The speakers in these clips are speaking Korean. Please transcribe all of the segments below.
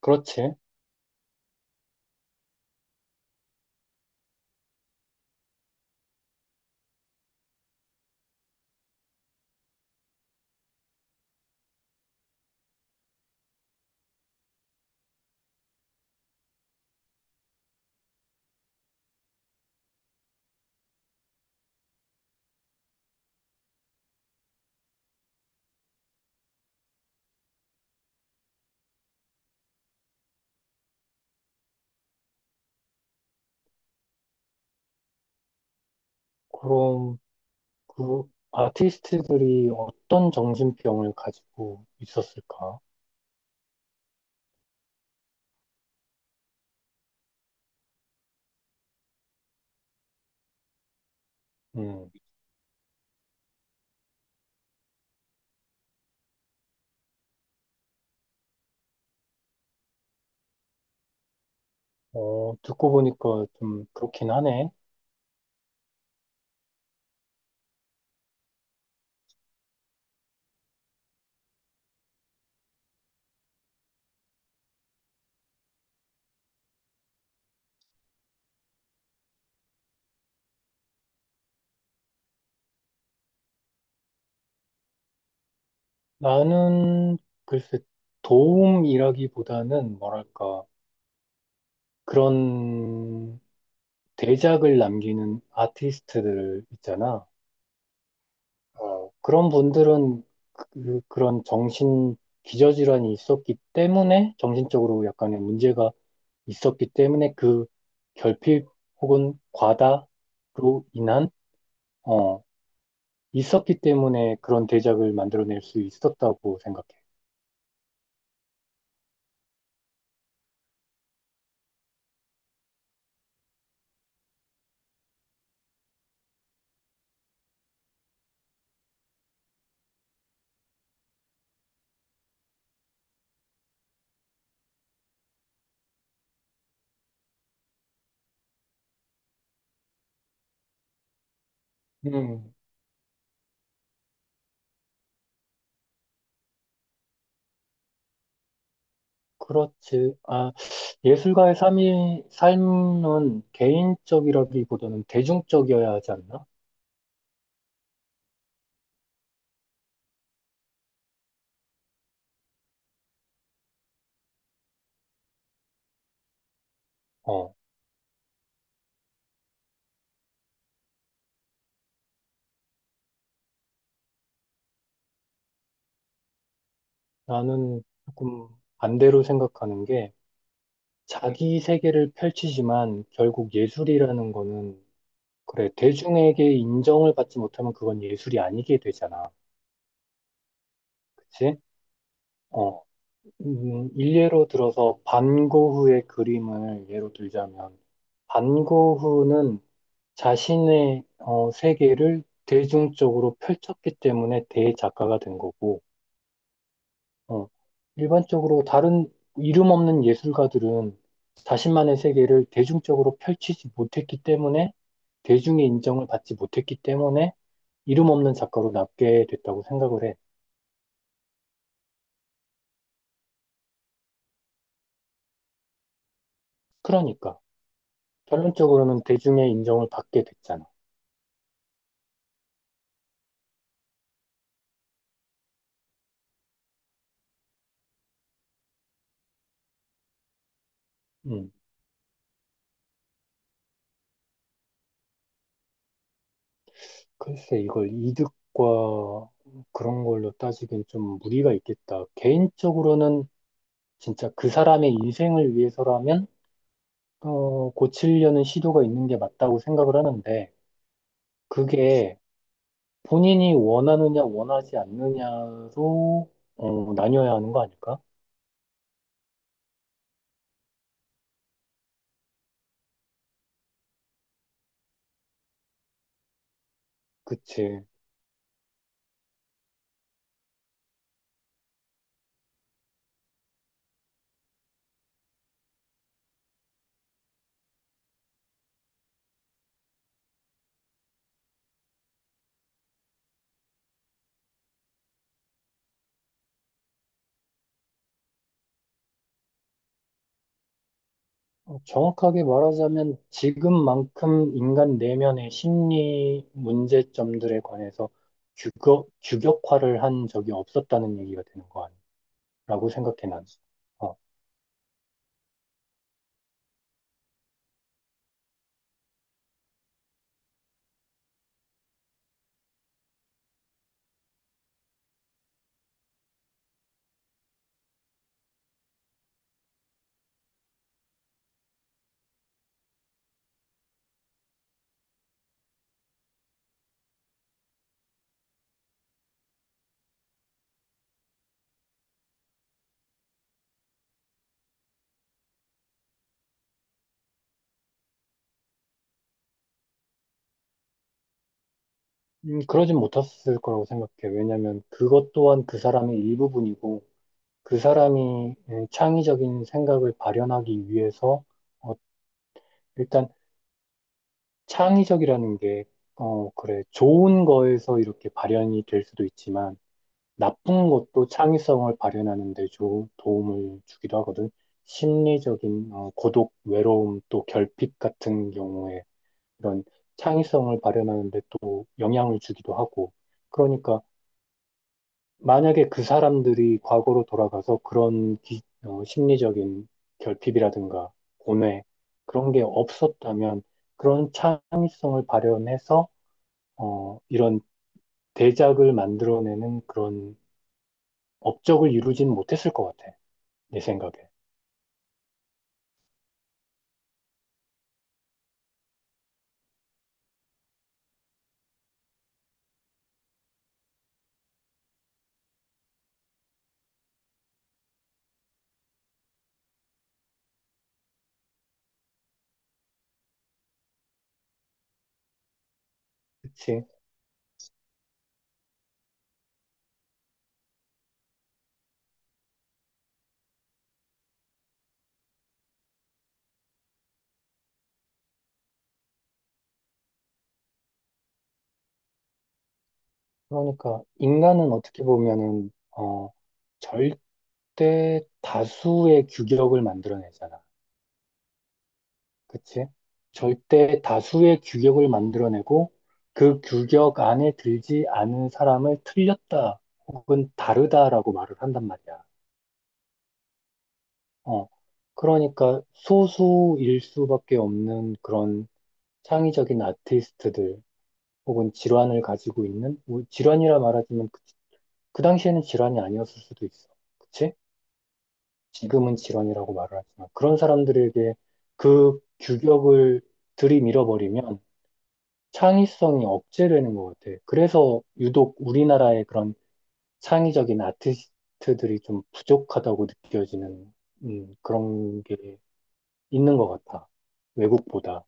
그렇지. 그럼 그 아티스트들이 어떤 정신병을 가지고 있었을까? 음, 듣고 보니까 좀 그렇긴 하네. 나는 글쎄 도움이라기보다는 뭐랄까 그런 대작을 남기는 아티스트들 있잖아. 그런 분들은 그런 정신 기저질환이 있었기 때문에 정신적으로 약간의 문제가 있었기 때문에 그 결핍 혹은 과다로 인한, 어, 있었기 때문에 그런 대작을 만들어낼 수 있었다고 생각해. 음, 그렇지. 아, 예술가의 삶은 개인적이라기보다는 대중적이어야 하지 않나? 어, 나는 조금 반대로 생각하는 게 자기 세계를 펼치지만 결국 예술이라는 거는 그래, 대중에게 인정을 받지 못하면 그건 예술이 아니게 되잖아. 그치? 어, 일례로 들어서 반고흐의 그림을 예로 들자면, 반고흐는 자신의 세계를 대중적으로 펼쳤기 때문에 대작가가 된 거고, 어, 일반적으로 다른 이름 없는 예술가들은 자신만의 세계를 대중적으로 펼치지 못했기 때문에, 대중의 인정을 받지 못했기 때문에 이름 없는 작가로 남게 됐다고 생각을 해. 그러니까, 결론적으로는 대중의 인정을 받게 됐잖아. 음. 글쎄, 이걸 이득과 그런 걸로 따지기엔 좀 무리가 있겠다. 개인적으로는 진짜 그 사람의 인생을 위해서라면, 고치려는 시도가 있는 게 맞다고 생각을 하는데, 그게 본인이 원하느냐, 원하지 않느냐로, 나뉘어야 하는 거 아닐까? 그치. 어, 정확하게 말하자면, 지금만큼 인간 내면의 심리 문제점들에 관해서 규격화를 한 적이 없었다는 얘기가 되는 거 아니야? 라고 생각해, 난. 어, 그러진 못했을 거라고 생각해. 왜냐면 그것 또한 그 사람의 일부분이고, 그 사람이 창의적인 생각을 발현하기 위해서, 어, 일단 창의적이라는 게, 어, 그래, 좋은 거에서 이렇게 발현이 될 수도 있지만, 나쁜 것도 창의성을 발현하는 데 도움을 주기도 하거든. 심리적인, 어, 고독, 외로움, 또 결핍 같은 경우에 이런 창의성을 발현하는데 또 영향을 주기도 하고. 그러니까 만약에 그 사람들이 과거로 돌아가서 그런 어, 심리적인 결핍이라든가 고뇌 그런 게 없었다면 그런 창의성을 발현해서 어, 이런 대작을 만들어내는 그런 업적을 이루지는 못했을 것 같아. 내 생각에. 그치? 그러니까 인간은 어떻게 보면은 어, 절대 다수의 규격을 만들어내잖아. 그치? 절대 다수의 규격을 만들어내고 그 규격 안에 들지 않은 사람을 틀렸다 혹은 다르다라고 말을 한단 말이야. 어. 그러니까 소수일 수밖에 없는 그런 창의적인 아티스트들 혹은 질환을 가지고 있는 질환이라 말하지만 그 당시에는 질환이 아니었을 수도 있어. 그치? 지금은 질환이라고 말을 하지만 그런 사람들에게 그 규격을 들이밀어버리면 창의성이 억제되는 것 같아. 그래서 유독 우리나라의 그런 창의적인 아티스트들이 좀 부족하다고 느껴지는 그런 게 있는 것 같아. 외국보다.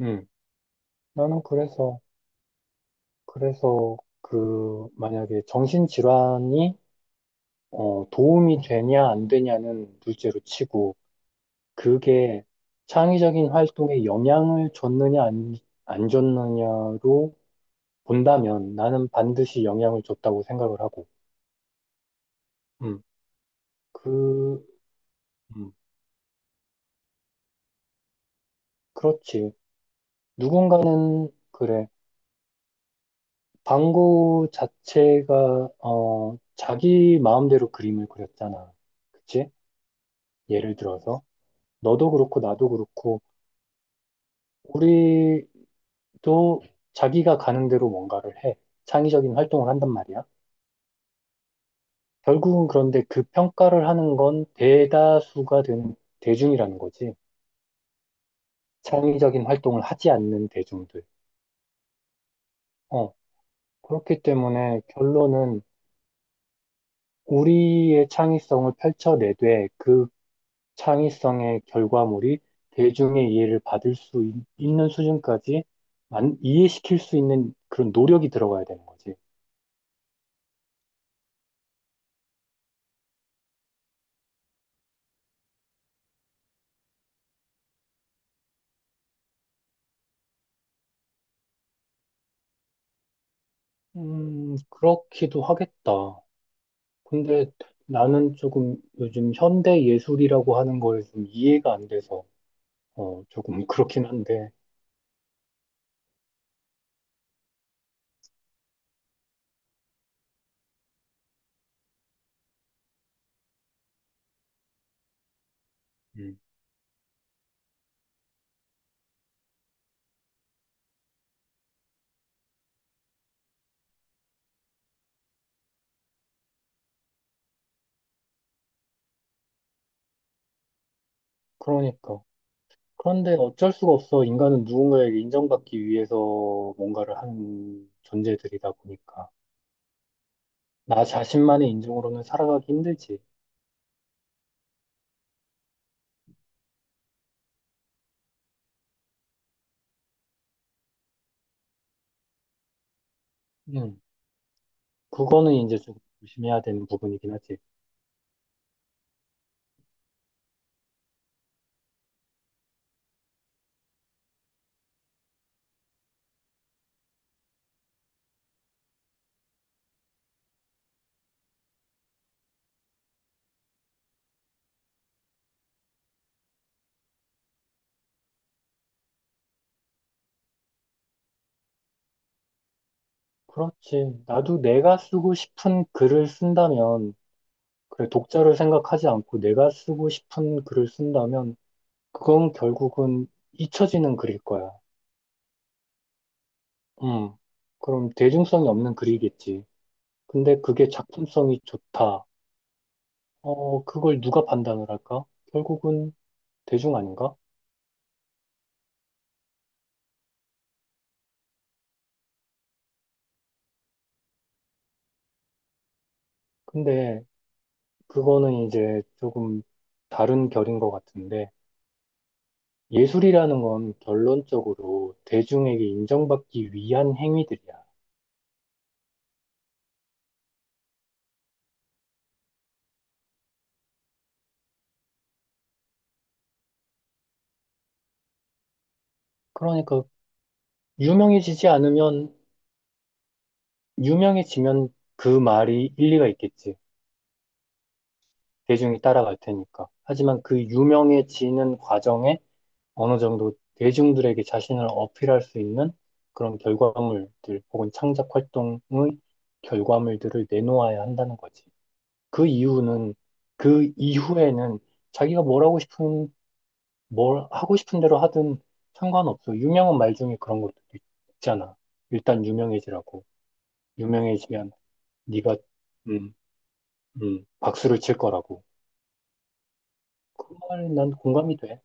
음, 나는 그래서, 그래서 그 만약에 정신질환이 어, 도움이 되냐 안 되냐는 둘째로 치고 그게 창의적인 활동에 영향을 줬느냐 안 줬느냐로 본다면 나는 반드시 영향을 줬다고 생각을 하고 음, 그, 음, 그렇지. 누군가는, 그래. 방구 자체가, 어, 자기 마음대로 그림을 그렸잖아. 그치? 예를 들어서. 너도 그렇고, 나도 그렇고, 우리도 자기가 가는 대로 뭔가를 해. 창의적인 활동을 한단 말이야. 결국은 그런데 그 평가를 하는 건 대다수가 되는 대중이라는 거지. 창의적인 활동을 하지 않는 대중들. 어, 그렇기 때문에 결론은 우리의 창의성을 펼쳐내되 그 창의성의 결과물이 대중의 이해를 받을 수 있는 수준까지 이해시킬 수 있는 그런 노력이 들어가야 되는 거지. 그렇기도 하겠다. 근데 나는 조금 요즘 현대 예술이라고 하는 걸 좀 이해가 안 돼서 어, 조금 그렇긴 한데. 음, 그러니까. 그런데 어쩔 수가 없어. 인간은 누군가에게 인정받기 위해서 뭔가를 하는 존재들이다 보니까. 나 자신만의 인종으로는 살아가기 힘들지. 음, 그거는 이제 좀 조심해야 되는 부분이긴 하지. 그렇지. 나도 내가 쓰고 싶은 글을 쓴다면, 그래, 독자를 생각하지 않고 내가 쓰고 싶은 글을 쓴다면, 그건 결국은 잊혀지는 글일 거야. 음, 그럼 대중성이 없는 글이겠지. 근데 그게 작품성이 좋다. 어, 그걸 누가 판단을 할까? 결국은 대중 아닌가? 근데 그거는 이제 조금 다른 결인 것 같은데, 예술이라는 건 결론적으로 대중에게 인정받기 위한 행위들이야. 그러니까 유명해지지 않으면, 유명해지면 그 말이 일리가 있겠지. 대중이 따라갈 테니까. 하지만 그 유명해지는 과정에 어느 정도 대중들에게 자신을 어필할 수 있는 그런 결과물들 혹은 창작 활동의 결과물들을 내놓아야 한다는 거지. 그 이유는, 그 이후에는 자기가 뭘 하고 싶은 대로 하든 상관없어. 유명한 말 중에 그런 것도 있잖아. 일단 유명해지라고. 유명해지면 네가 음, 박수를 칠 거라고. 그 말 난 공감이 돼.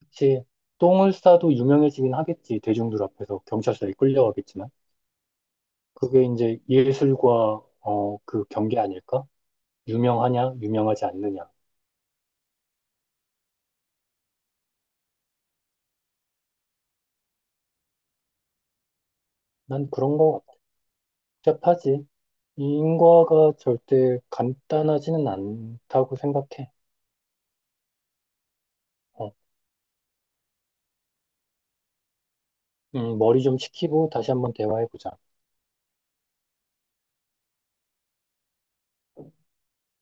그치. 똥을 싸도 유명해지긴 하겠지. 대중들 앞에서 경찰서에 끌려가겠지만. 그게 이제 예술과 어, 그 경계 아닐까? 유명하냐, 유명하지 않느냐. 난 그런 거 복잡하지. 인과가 절대 간단하지는 않다고 생각해. 어. 머리 좀 식히고 다시 한번 대화해보자.